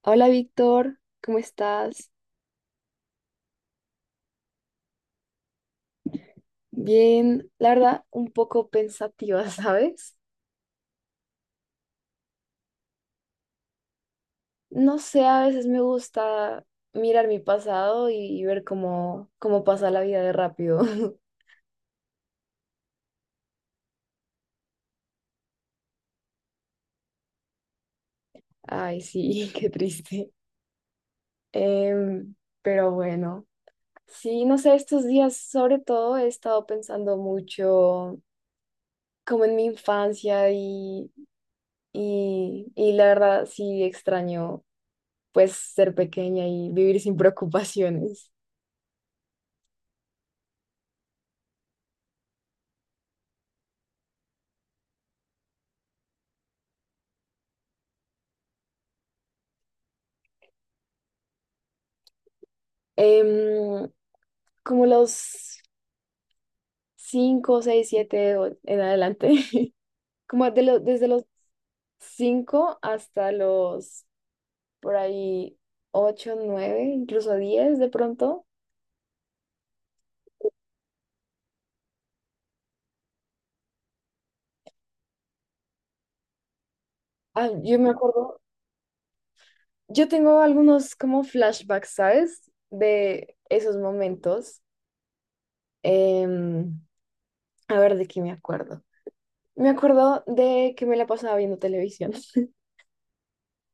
Hola Víctor, ¿cómo estás? Bien, la verdad, un poco pensativa, ¿sabes? No sé, a veces me gusta mirar mi pasado y ver cómo pasa la vida de rápido. Ay, sí, qué triste. Em, pero bueno, sí, no sé, estos días sobre todo he estado pensando mucho como en mi infancia y la verdad sí extraño pues ser pequeña y vivir sin preocupaciones. Em, Como los 5, 6, 7 en adelante. Como desde los 5 hasta los por ahí 8 9 incluso 10 de pronto. Ah, yo me acuerdo, yo tengo algunos como flashbacks, ¿sabes? De esos momentos. Em, a ver, ¿de qué me acuerdo? Me acuerdo de que me la pasaba viendo televisión,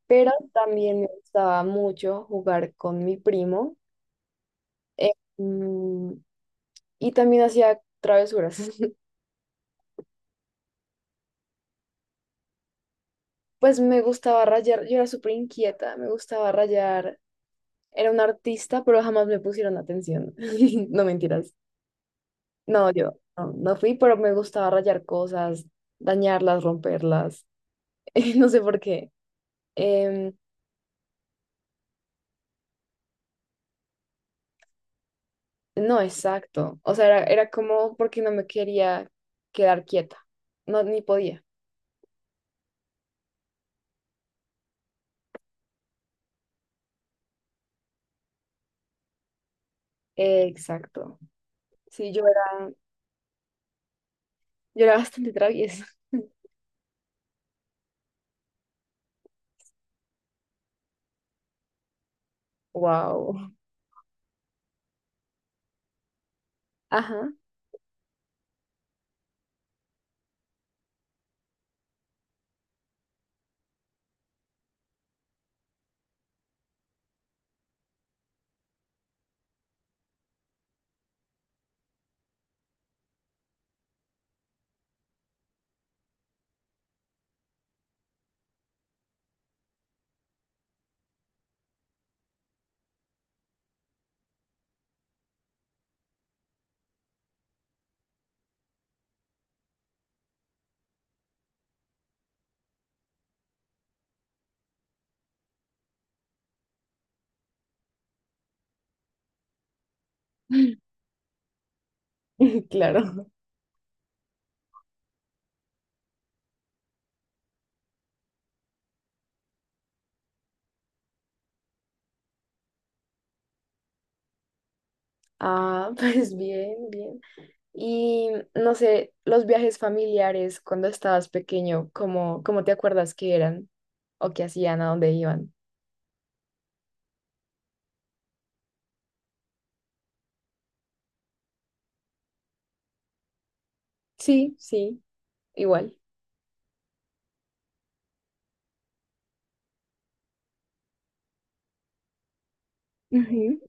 pero también me gustaba mucho jugar con mi primo. Eh, mm, y también hacía travesuras. Pues me gustaba rayar, yo era súper inquieta, me gustaba rayar. Era una artista, pero jamás me pusieron atención. No mentiras. No, yo no fui, pero me gustaba rayar cosas, dañarlas, romperlas. No sé por qué. Em, no, exacto. O sea, era como porque no me quería quedar quieta. No, ni podía. Exacto. Sí, yo era bastante traviesa. Wow. Ajá. Claro. Ah, pues bien, bien. Y no sé, los viajes familiares cuando estabas pequeño, ¿cómo te acuerdas que eran o qué hacían, a dónde iban? Sí, sí. Igual. Ujú.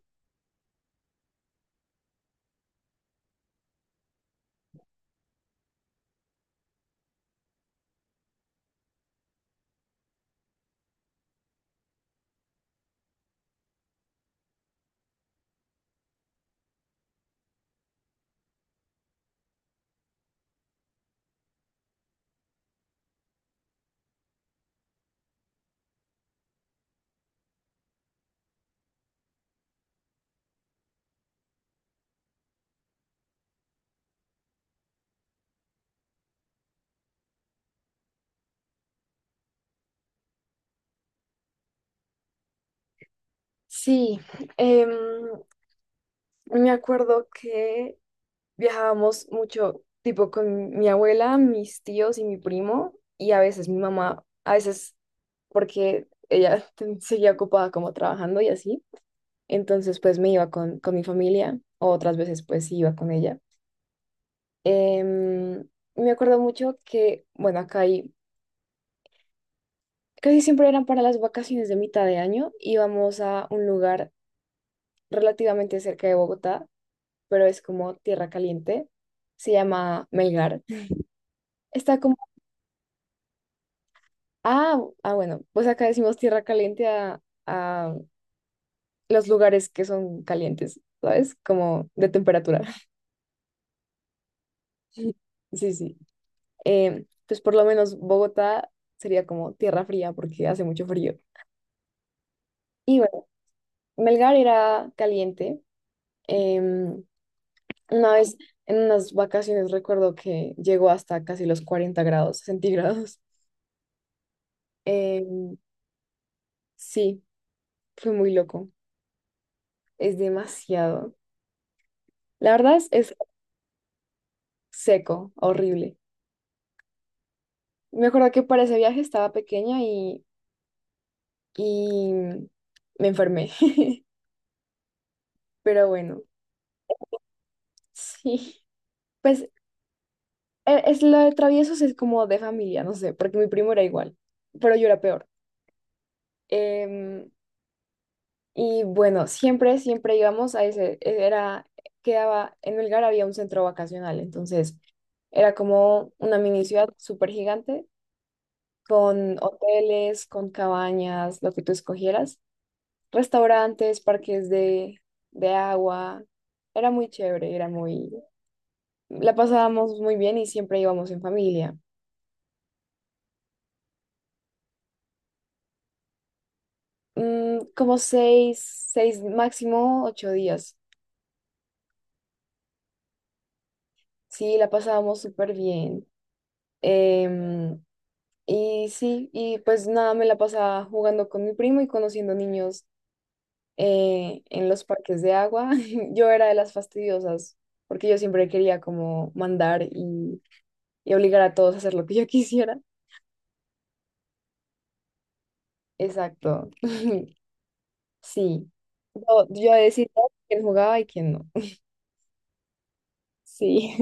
Sí, em, me acuerdo que viajábamos mucho, tipo con mi abuela, mis tíos y mi primo, y a veces mi mamá, a veces porque ella seguía ocupada como trabajando y así. Entonces, pues me iba con mi familia, o otras veces pues iba con ella. Em, Me acuerdo mucho que, bueno, acá hay, casi siempre eran para las vacaciones de mitad de año, íbamos a un lugar relativamente cerca de Bogotá, pero es como tierra caliente, se llama Melgar. Está como, bueno, pues acá decimos tierra caliente a, a los lugares que son calientes, ¿sabes? Como de temperatura. Sí, sí. Pues por lo menos Bogotá sería como tierra fría porque hace mucho frío. Y bueno, Melgar era caliente. Em, una vez en unas vacaciones recuerdo que llegó hasta casi los 40 grados centígrados. Em, sí, fue muy loco. Es demasiado. La verdad es seco, horrible. Me acuerdo que para ese viaje estaba pequeña y me enfermé. Pero bueno, sí. Pues es lo de traviesos es como de familia, no sé, porque mi primo era igual, pero yo era peor. Em, y bueno, siempre, siempre íbamos a ese, era, quedaba, en Melgar había un centro vacacional, entonces era como una mini ciudad súper gigante, con hoteles, con cabañas, lo que tú escogieras, restaurantes, parques de agua, era muy chévere, era muy, la pasábamos muy bien y siempre íbamos en familia. Como seis, máximo 8 días. Sí, la pasábamos súper bien. Em, y sí, y pues nada, me la pasaba jugando con mi primo y conociendo niños en los parques de agua. Yo era de las fastidiosas, porque yo siempre quería como mandar y obligar a todos a hacer lo que yo quisiera. Exacto. Sí. Yo decidía quién jugaba y quién no. Sí,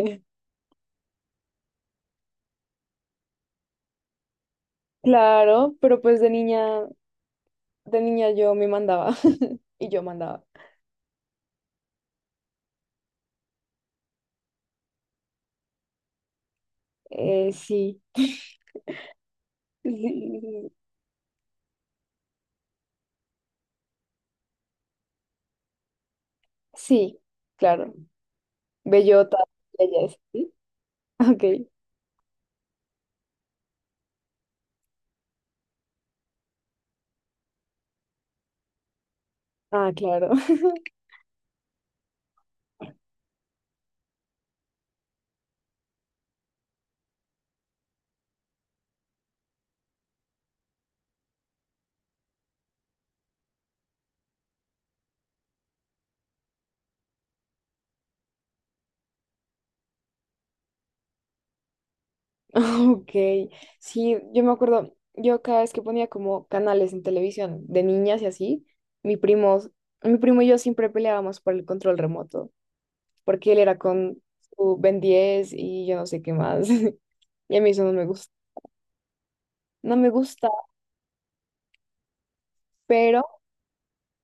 claro, pero pues de niña. De niña yo me mandaba y yo mandaba. Sí. Sí, claro. Bellota, ella es. ¿Sí? Ok. Ah, claro. Ok. Sí, yo me acuerdo, yo cada vez que ponía como canales en televisión de niñas y así, mi primo, mi primo y yo siempre peleábamos por el control remoto, porque él era con su Ben 10 y yo no sé qué más. Y a mí eso no me gusta. No me gusta, pero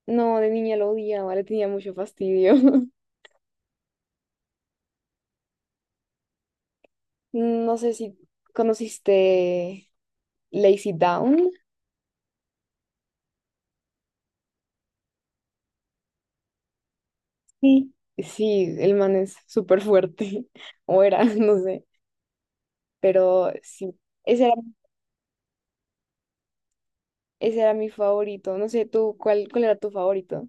no, de niña lo odiaba, le tenía mucho fastidio. No sé si conociste Lazy Down. Sí. Sí, el man es súper fuerte, o era, no sé, pero sí, ese era, ese era mi favorito, no sé, tú, ¿cuál era tu favorito?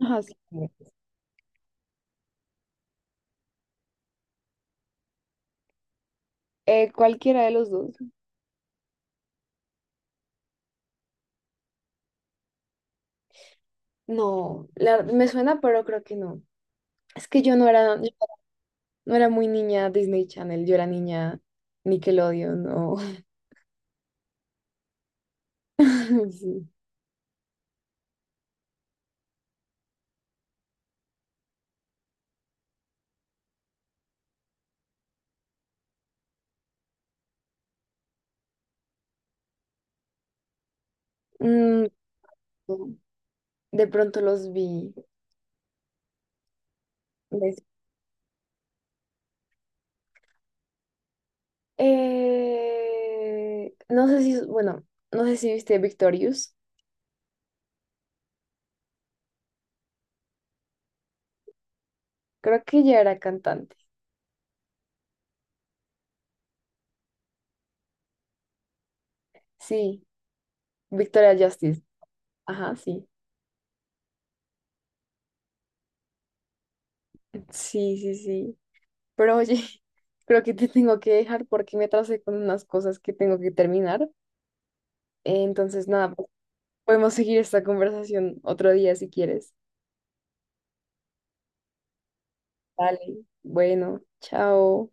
Ajá, sí. Cualquiera de los dos. No, me suena, pero creo que no. Es que yo no era muy niña Disney Channel, yo era niña Nickelodeon, no. Sí. Mm, De pronto los vi. des- no sé si, bueno, no sé si viste Victorious. Creo que ella era cantante. Sí, Victoria Justice. Ajá, sí. Sí, sí, sí. Pero oye, creo que te tengo que dejar porque me atrasé con unas cosas que tengo que terminar. Entonces, nada, pues, podemos seguir esta conversación otro día si quieres. Vale. Bueno, chao.